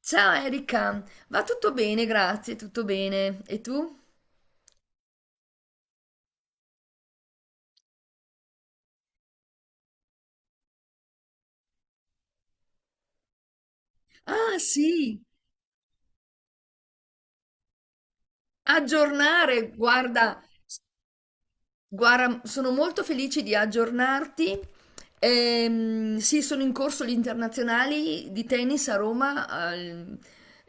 Ciao Erika, va tutto bene, grazie, tutto bene. E tu? Ah sì, aggiornare, guarda, Guarda, sono molto felice di aggiornarti. Sì, sono in corso gli internazionali di tennis a Roma. al-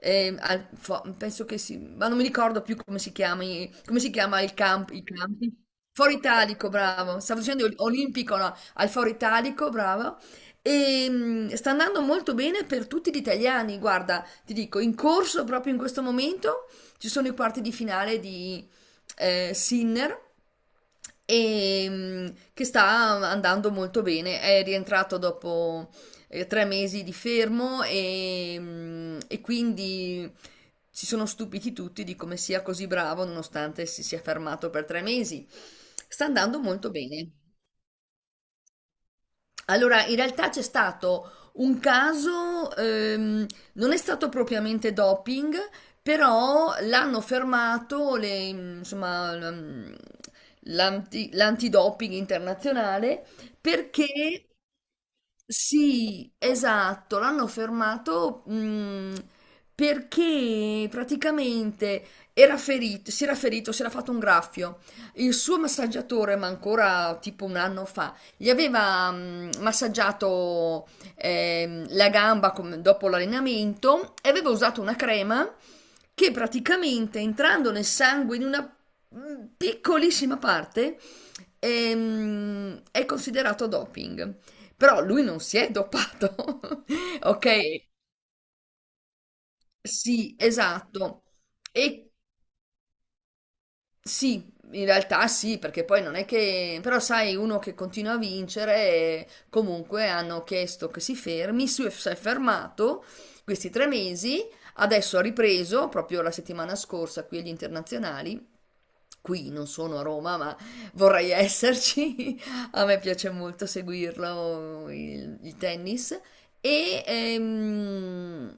ehm, al- fo- Penso che si, ma non mi ricordo più come si chiama i campi. Foro Italico, bravo. Stavo dicendo olimpico, no, al Foro Italico, bravo. E sta andando molto bene per tutti gli italiani. Guarda, ti dico, in corso proprio in questo momento ci sono i quarti di finale, Sinner, che sta andando molto bene. È rientrato dopo 3 mesi di fermo, e quindi si sono stupiti tutti di come sia così bravo nonostante si sia fermato per 3 mesi. Sta andando molto bene. Allora, in realtà c'è stato un caso, non è stato propriamente doping, però l'hanno fermato, insomma, l'antidoping internazionale. Perché Sì, esatto, l'hanno fermato, perché praticamente si era ferito, si era fatto un graffio. Il suo massaggiatore, ma ancora tipo un anno fa, gli aveva massaggiato la gamba, dopo l'allenamento, e aveva usato una crema che praticamente entrando nel sangue in una piccolissima parte è considerato doping. Però lui non si è dopato, ok? Sì, esatto. E sì, in realtà sì, perché poi non è che. Però sai, uno che continua a vincere, comunque hanno chiesto che si fermi, si è fermato questi 3 mesi, adesso ha ripreso proprio la settimana scorsa qui agli internazionali. Qui non sono a Roma, ma vorrei esserci. A me piace molto seguirlo, il tennis. E, ehm,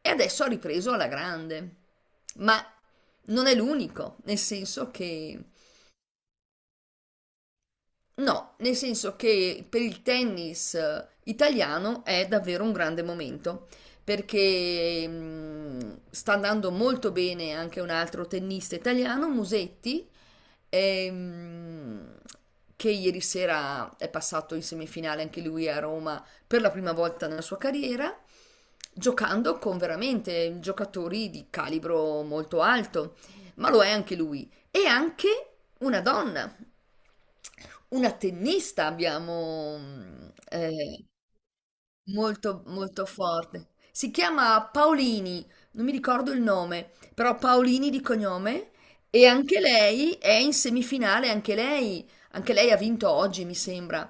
e adesso ha ripreso alla grande. Ma non è l'unico, nel senso che, no, nel senso che per il tennis italiano è davvero un grande momento, perché sta andando molto bene anche un altro tennista italiano, Musetti, ehm, che ieri sera è passato in semifinale anche lui a Roma per la prima volta nella sua carriera, giocando con veramente giocatori di calibro molto alto, ma lo è anche lui, e anche una donna, una tennista abbiamo, molto, molto forte. Si chiama Paolini, non mi ricordo il nome, però Paolini di cognome, e anche lei è in semifinale, anche lei ha vinto oggi, mi sembra.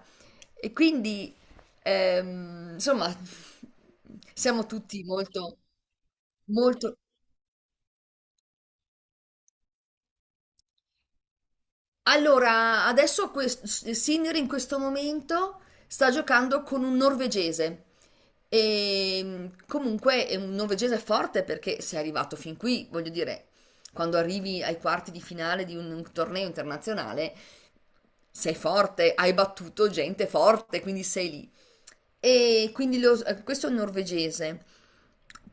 E quindi, insomma, siamo tutti molto molto. Allora, adesso Sinner in questo momento sta giocando con un norvegese. E comunque è un norvegese forte perché se è arrivato fin qui, voglio dire, quando arrivi ai quarti di finale di un torneo internazionale, sei forte, hai battuto gente forte, quindi sei lì. E quindi, questo è un norvegese.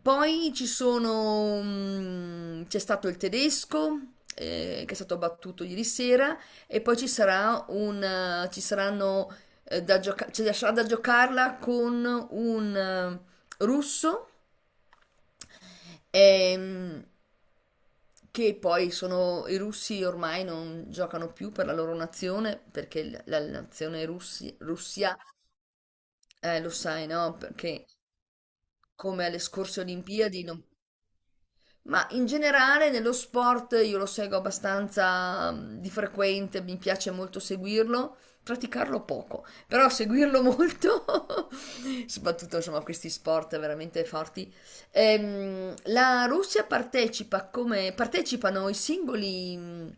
Poi ci sono, mm, c'è stato il tedesco, che è stato battuto ieri sera, e poi ci saranno, cioè, sarà da giocarla con un russo, ehm, che poi sono i russi ormai non giocano più per la loro nazione perché la nazione, Russia, lo sai, no? Perché come alle scorse Olimpiadi non. Ma in generale nello sport io lo seguo abbastanza di frequente, mi piace molto seguirlo, praticarlo poco, però seguirlo molto, soprattutto insomma questi sport veramente forti. La Russia partecipa come partecipano i singoli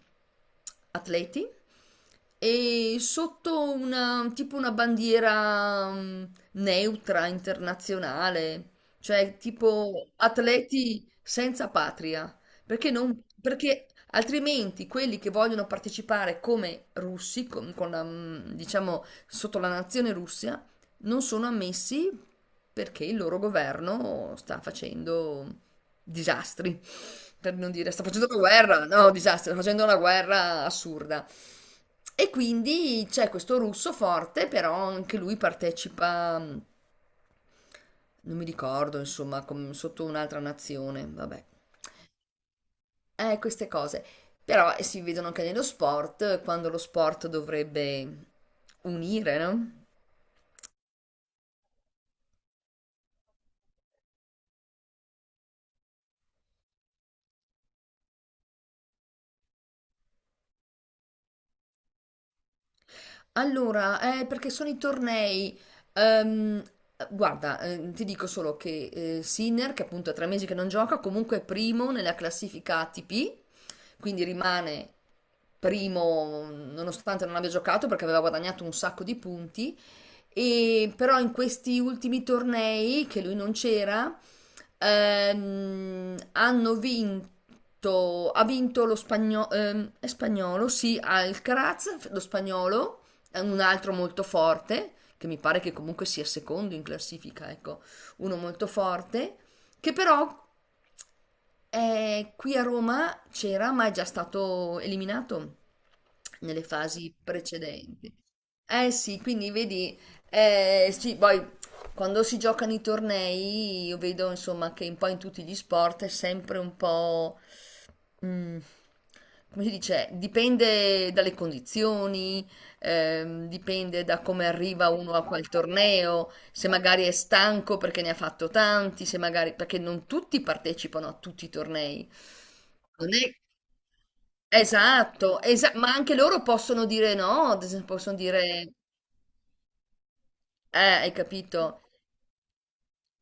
atleti, e sotto una tipo una bandiera neutra internazionale, cioè tipo atleti senza patria, perché, non, perché altrimenti quelli che vogliono partecipare come russi, con la, diciamo sotto la nazione Russia, non sono ammessi perché il loro governo sta facendo disastri, per non dire sta facendo una guerra, no, disastro, sta facendo una guerra assurda. E quindi c'è questo russo forte, però anche lui partecipa, non mi ricordo, insomma, sotto un'altra nazione, vabbè. Queste cose. Però si vedono anche nello sport, quando lo sport dovrebbe unire, no? Allora, perché sono i tornei. Ehm, Guarda, ti dico solo che Sinner, che appunto ha 3 mesi che non gioca, comunque è primo nella classifica ATP, quindi rimane primo nonostante non abbia giocato perché aveva guadagnato un sacco di punti, e però in questi ultimi tornei che lui non c'era hanno vinto ha vinto lo spagnolo, è spagnolo, sì, Alcaraz, lo spagnolo, è un altro molto forte, che mi pare che comunque sia secondo in classifica, ecco, uno molto forte, che però qui a Roma c'era, ma è già stato eliminato nelle fasi precedenti. Eh sì, quindi vedi, sì, poi quando si giocano i tornei, io vedo insomma che un po' in tutti gli sport è sempre un po'. Mhmm, Come si dice, dipende dalle condizioni, dipende da come arriva uno a quel torneo, se magari è stanco perché ne ha fatto tanti, se magari perché non tutti partecipano a tutti i tornei. Non è Esatto, esa ma anche loro possono dire no, ad esempio possono dire. Hai capito?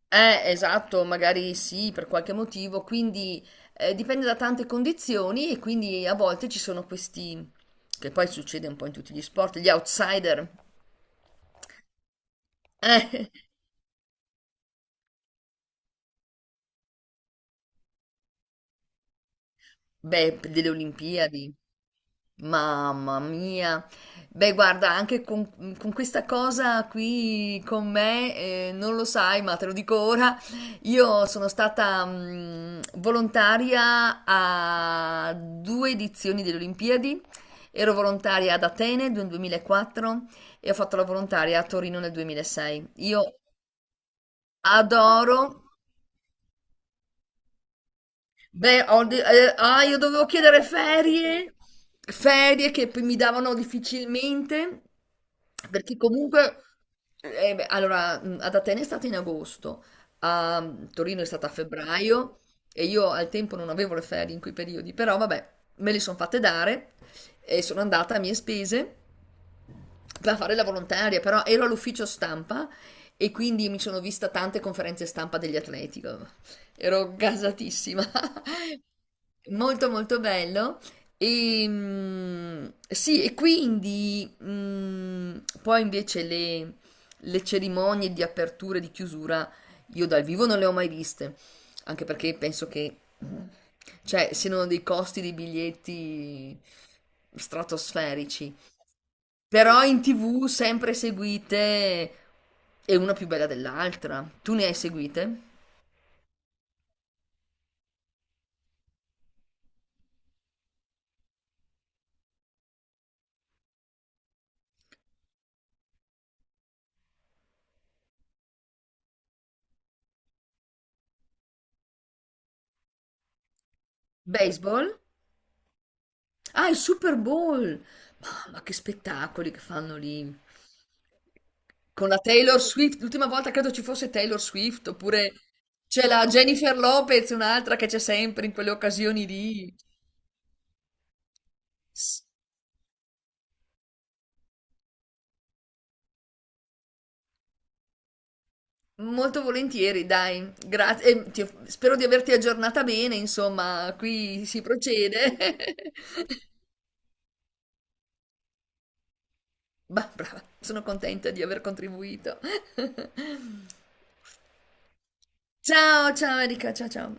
Esatto, magari sì, per qualche motivo, quindi dipende da tante condizioni, e quindi a volte ci sono questi, che poi succede un po' in tutti gli sport, gli outsider. Eh, Beh, delle Olimpiadi. Mamma mia. Beh, guarda, anche con questa cosa qui con me, non lo sai, ma te lo dico ora, io sono stata volontaria a due edizioni delle Olimpiadi. Ero volontaria ad Atene nel 2004 e ho fatto la volontaria a Torino nel 2006. Io adoro. Beh, io dovevo chiedere ferie, ferie che mi davano difficilmente, perché comunque, beh, allora, ad Atene è stata in agosto, a Torino è stata a febbraio, e io al tempo non avevo le ferie in quei periodi, però vabbè, me le sono fatte dare, e sono andata a mie spese per fare la volontaria, però ero all'ufficio stampa, e quindi mi sono vista tante conferenze stampa degli atleti. Ero gasatissima. Molto molto bello. Sì, e quindi, poi invece le cerimonie di apertura e di chiusura, io dal vivo non le ho mai viste, anche perché penso che, mm, cioè, siano dei costi dei biglietti stratosferici. Però in TV sempre seguite, e una più bella dell'altra. Tu ne hai seguite? Baseball? Ah, il Super Bowl! Mamma, che spettacoli che fanno lì. Con la Taylor Swift, l'ultima volta credo ci fosse Taylor Swift, oppure c'è la Jennifer Lopez, un'altra che c'è sempre in quelle occasioni lì. S- Molto volentieri, dai, grazie. Spero di averti aggiornata bene, insomma, qui si procede. Bah, brava, sono contenta di aver contribuito. Ciao, ciao Erika, ciao ciao.